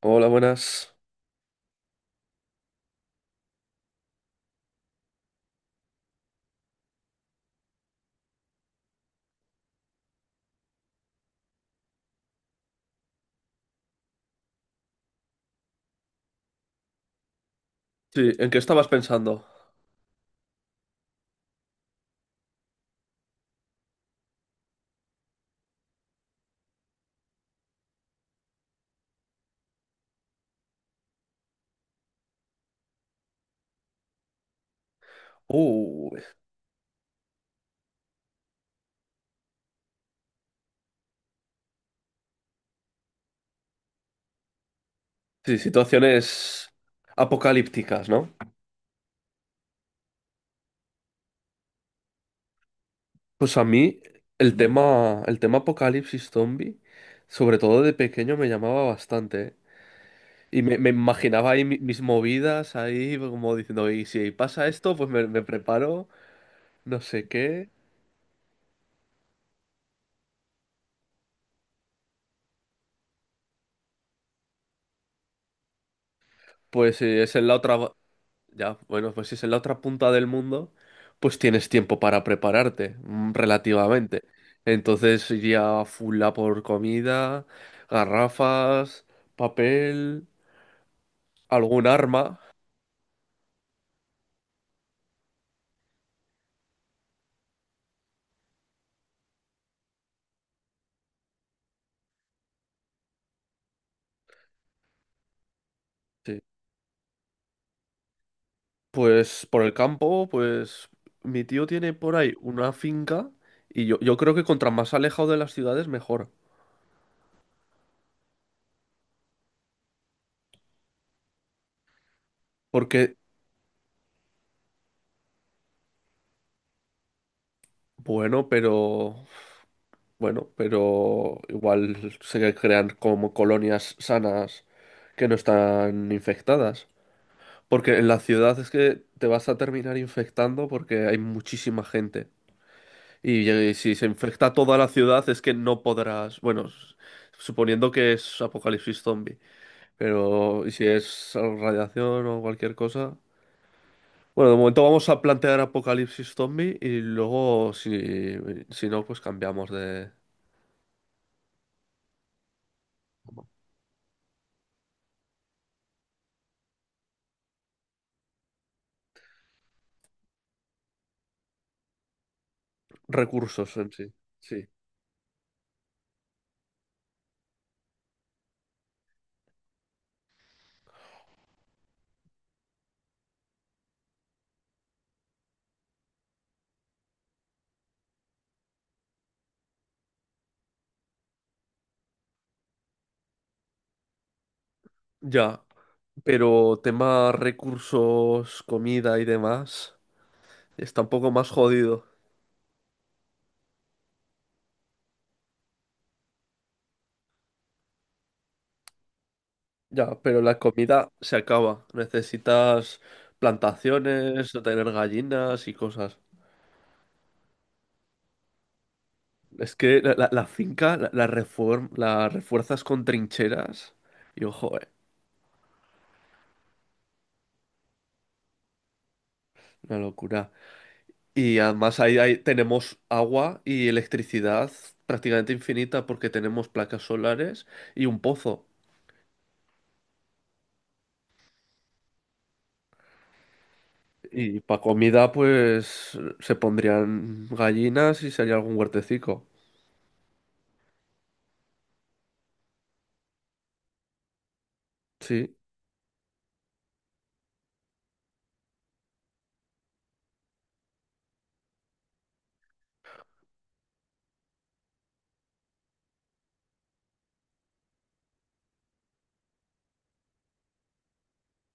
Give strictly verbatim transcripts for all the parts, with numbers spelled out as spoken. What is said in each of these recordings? Hola, buenas. Sí, ¿en qué estabas pensando? Uh, sí, situaciones apocalípticas, ¿no? Pues a mí el tema, el tema apocalipsis zombie, sobre todo de pequeño, me llamaba bastante, ¿eh? Y me, me imaginaba ahí mi- mis movidas, ahí como diciendo, y si pasa esto, pues me, me preparo, no sé qué. Pues si es en la otra, Ya, Bueno, pues si es en la otra punta del mundo, pues tienes tiempo para prepararte, mm, relativamente. Entonces iría full a por comida, garrafas, papel, algún arma. Sí. Pues por el campo, pues mi tío tiene por ahí una finca y yo, yo creo que contra más alejado de las ciudades mejor. Porque, bueno, pero Bueno, pero igual se crean como colonias sanas que no están infectadas. Porque en la ciudad es que te vas a terminar infectando porque hay muchísima gente. Y eh, si se infecta toda la ciudad es que no podrás, bueno, s- suponiendo que es apocalipsis zombie, pero ¿y si es radiación o cualquier cosa? Bueno, de momento vamos a plantear apocalipsis zombie y luego si, si no, pues cambiamos de recursos en sí. Sí. Ya, pero tema recursos, comida y demás, está un poco más jodido. Ya, pero la comida se acaba. Necesitas plantaciones, no tener gallinas y cosas. Es que la, la- la finca la, la reform- la refuerzas con trincheras y ojo, eh, una locura. Y además ahí, ahí tenemos agua y electricidad prácticamente infinita porque tenemos placas solares y un pozo. Y para comida, pues se pondrían gallinas y sería algún huertecico. Sí,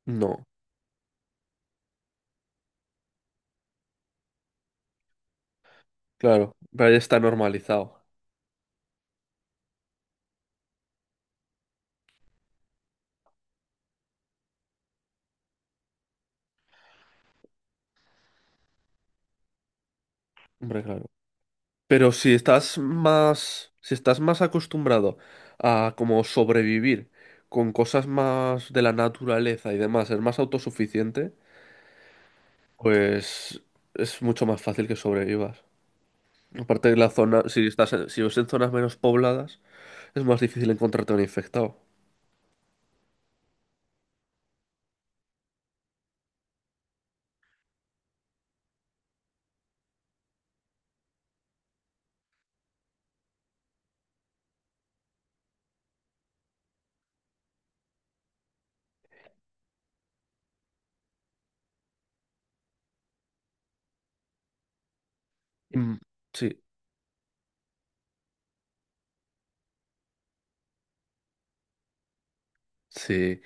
no, claro, pero ya está normalizado. Hombre, claro. Pero si estás más, si estás más acostumbrado a como sobrevivir con cosas más de la naturaleza y demás, ser más autosuficiente, pues es mucho más fácil que sobrevivas. Aparte de la zona, si estás en, si estás en zonas menos pobladas, es más difícil encontrarte un infectado. Mm, Sí, sí.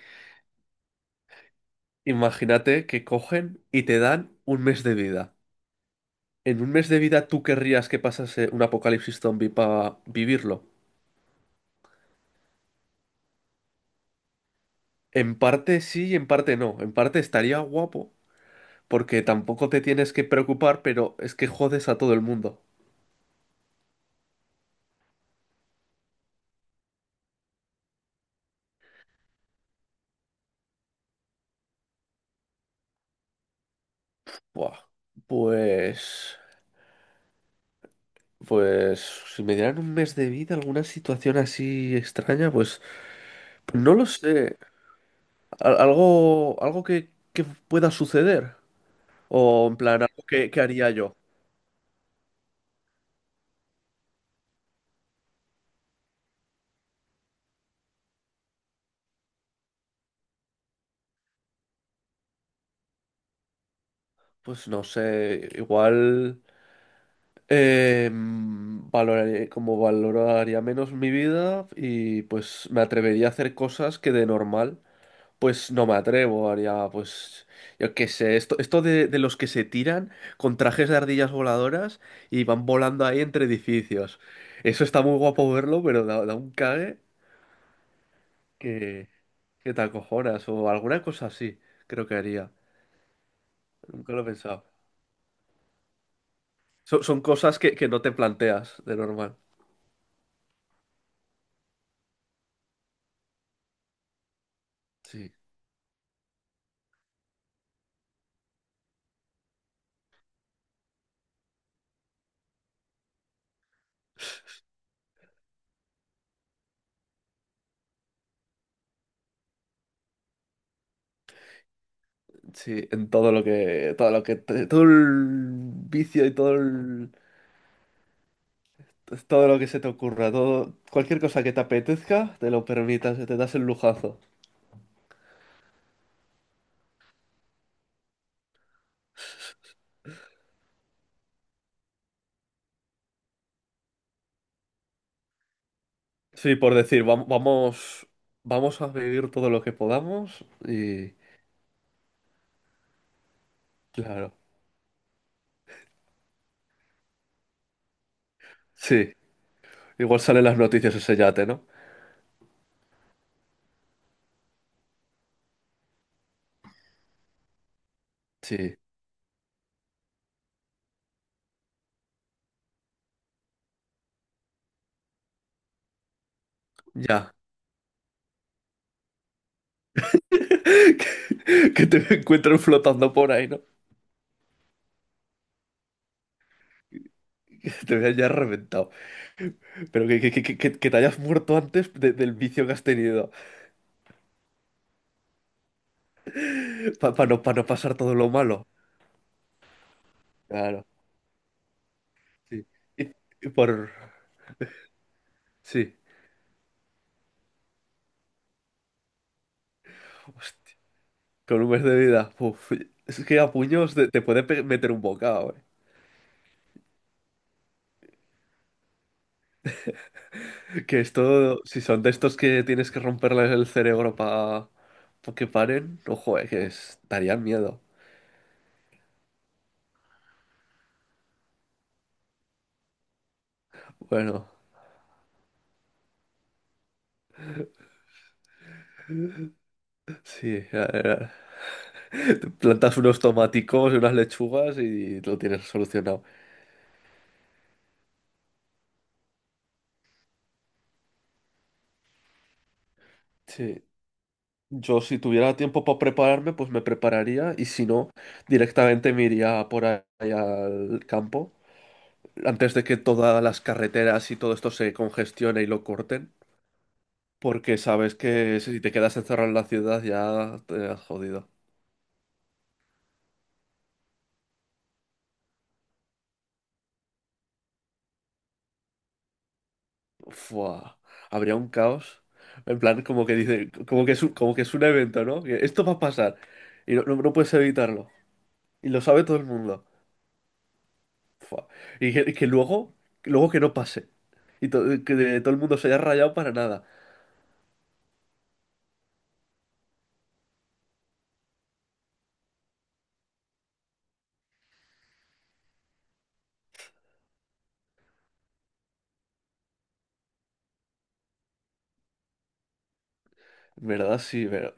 Imagínate que cogen y te dan un mes de vida. ¿En un mes de vida tú querrías que pasase un apocalipsis zombie para vivirlo? En parte sí y en parte no. En parte estaría guapo, porque tampoco te tienes que preocupar, pero es que jodes a todo el mundo. Buah. Pues... Pues si me dieran un mes de vida, alguna situación así extraña, pues, pues no lo sé. Al- algo algo que, que pueda suceder. O en plan, algo que, que haría yo. Pues no sé, igual eh, valoraré- como valoraría menos mi vida y pues me atrevería a hacer cosas que de normal pues no me atrevo, haría pues yo qué sé, esto, esto de, de los que se tiran con trajes de ardillas voladoras y van volando ahí entre edificios. Eso está muy guapo verlo, pero da, da un cague que, que te acojonas o alguna cosa así, creo que haría. Nunca lo he pensado. Son, son cosas que, que no te planteas de normal. Sí, sí, en todo lo que, todo lo que, te- todo el vicio y todo el, todo lo que se te ocurra, todo, cualquier cosa que te apetezca, te lo permitas, te das el lujazo. Sí, por decir, vam- vamos, vamos a vivir todo lo que podamos y, claro, sí, igual salen las noticias ese yate, ¿no? Sí, ya. Que, que te encuentren flotando por ahí, ¿no? Que te vean ya reventado. Pero que, que- que- que- que te hayas muerto antes de- del vicio que has tenido. Para no, pa no pasar todo lo malo. Claro, sí. Y, y por... Sí. Hostia, con un mes de vida, uf, es que a puños te, te puede pe- meter un bocado, eh. Que esto, si son de estos que tienes que romperles el cerebro para que paren, ojo, eh, que es- darían miedo. Bueno, sí. Ya- ya. Te plantas unos tomáticos y unas lechugas y lo tienes solucionado. Sí. Yo si tuviera tiempo para prepararme, pues me prepararía y si no, directamente me iría por ahí al campo antes de que todas las carreteras y todo esto se congestione y lo corten, porque sabes que si te quedas encerrado en la ciudad ya te has jodido. Fua, habría un caos. En plan, como que dice, como que es un, como que es un evento, ¿no? Que esto va a pasar y no, no no puedes evitarlo. Y lo sabe todo el mundo. Fua. Y que, que luego, luego que no pase. Y to- eh, que de- todo el mundo se haya rayado para nada. En verdad, sí, pero...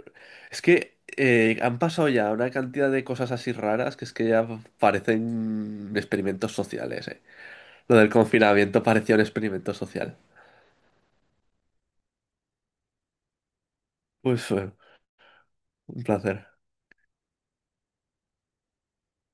Es que eh, han pasado ya una cantidad de cosas así raras que es que ya parecen experimentos sociales, eh. Lo del confinamiento parecía un experimento social. Pues fue un placer.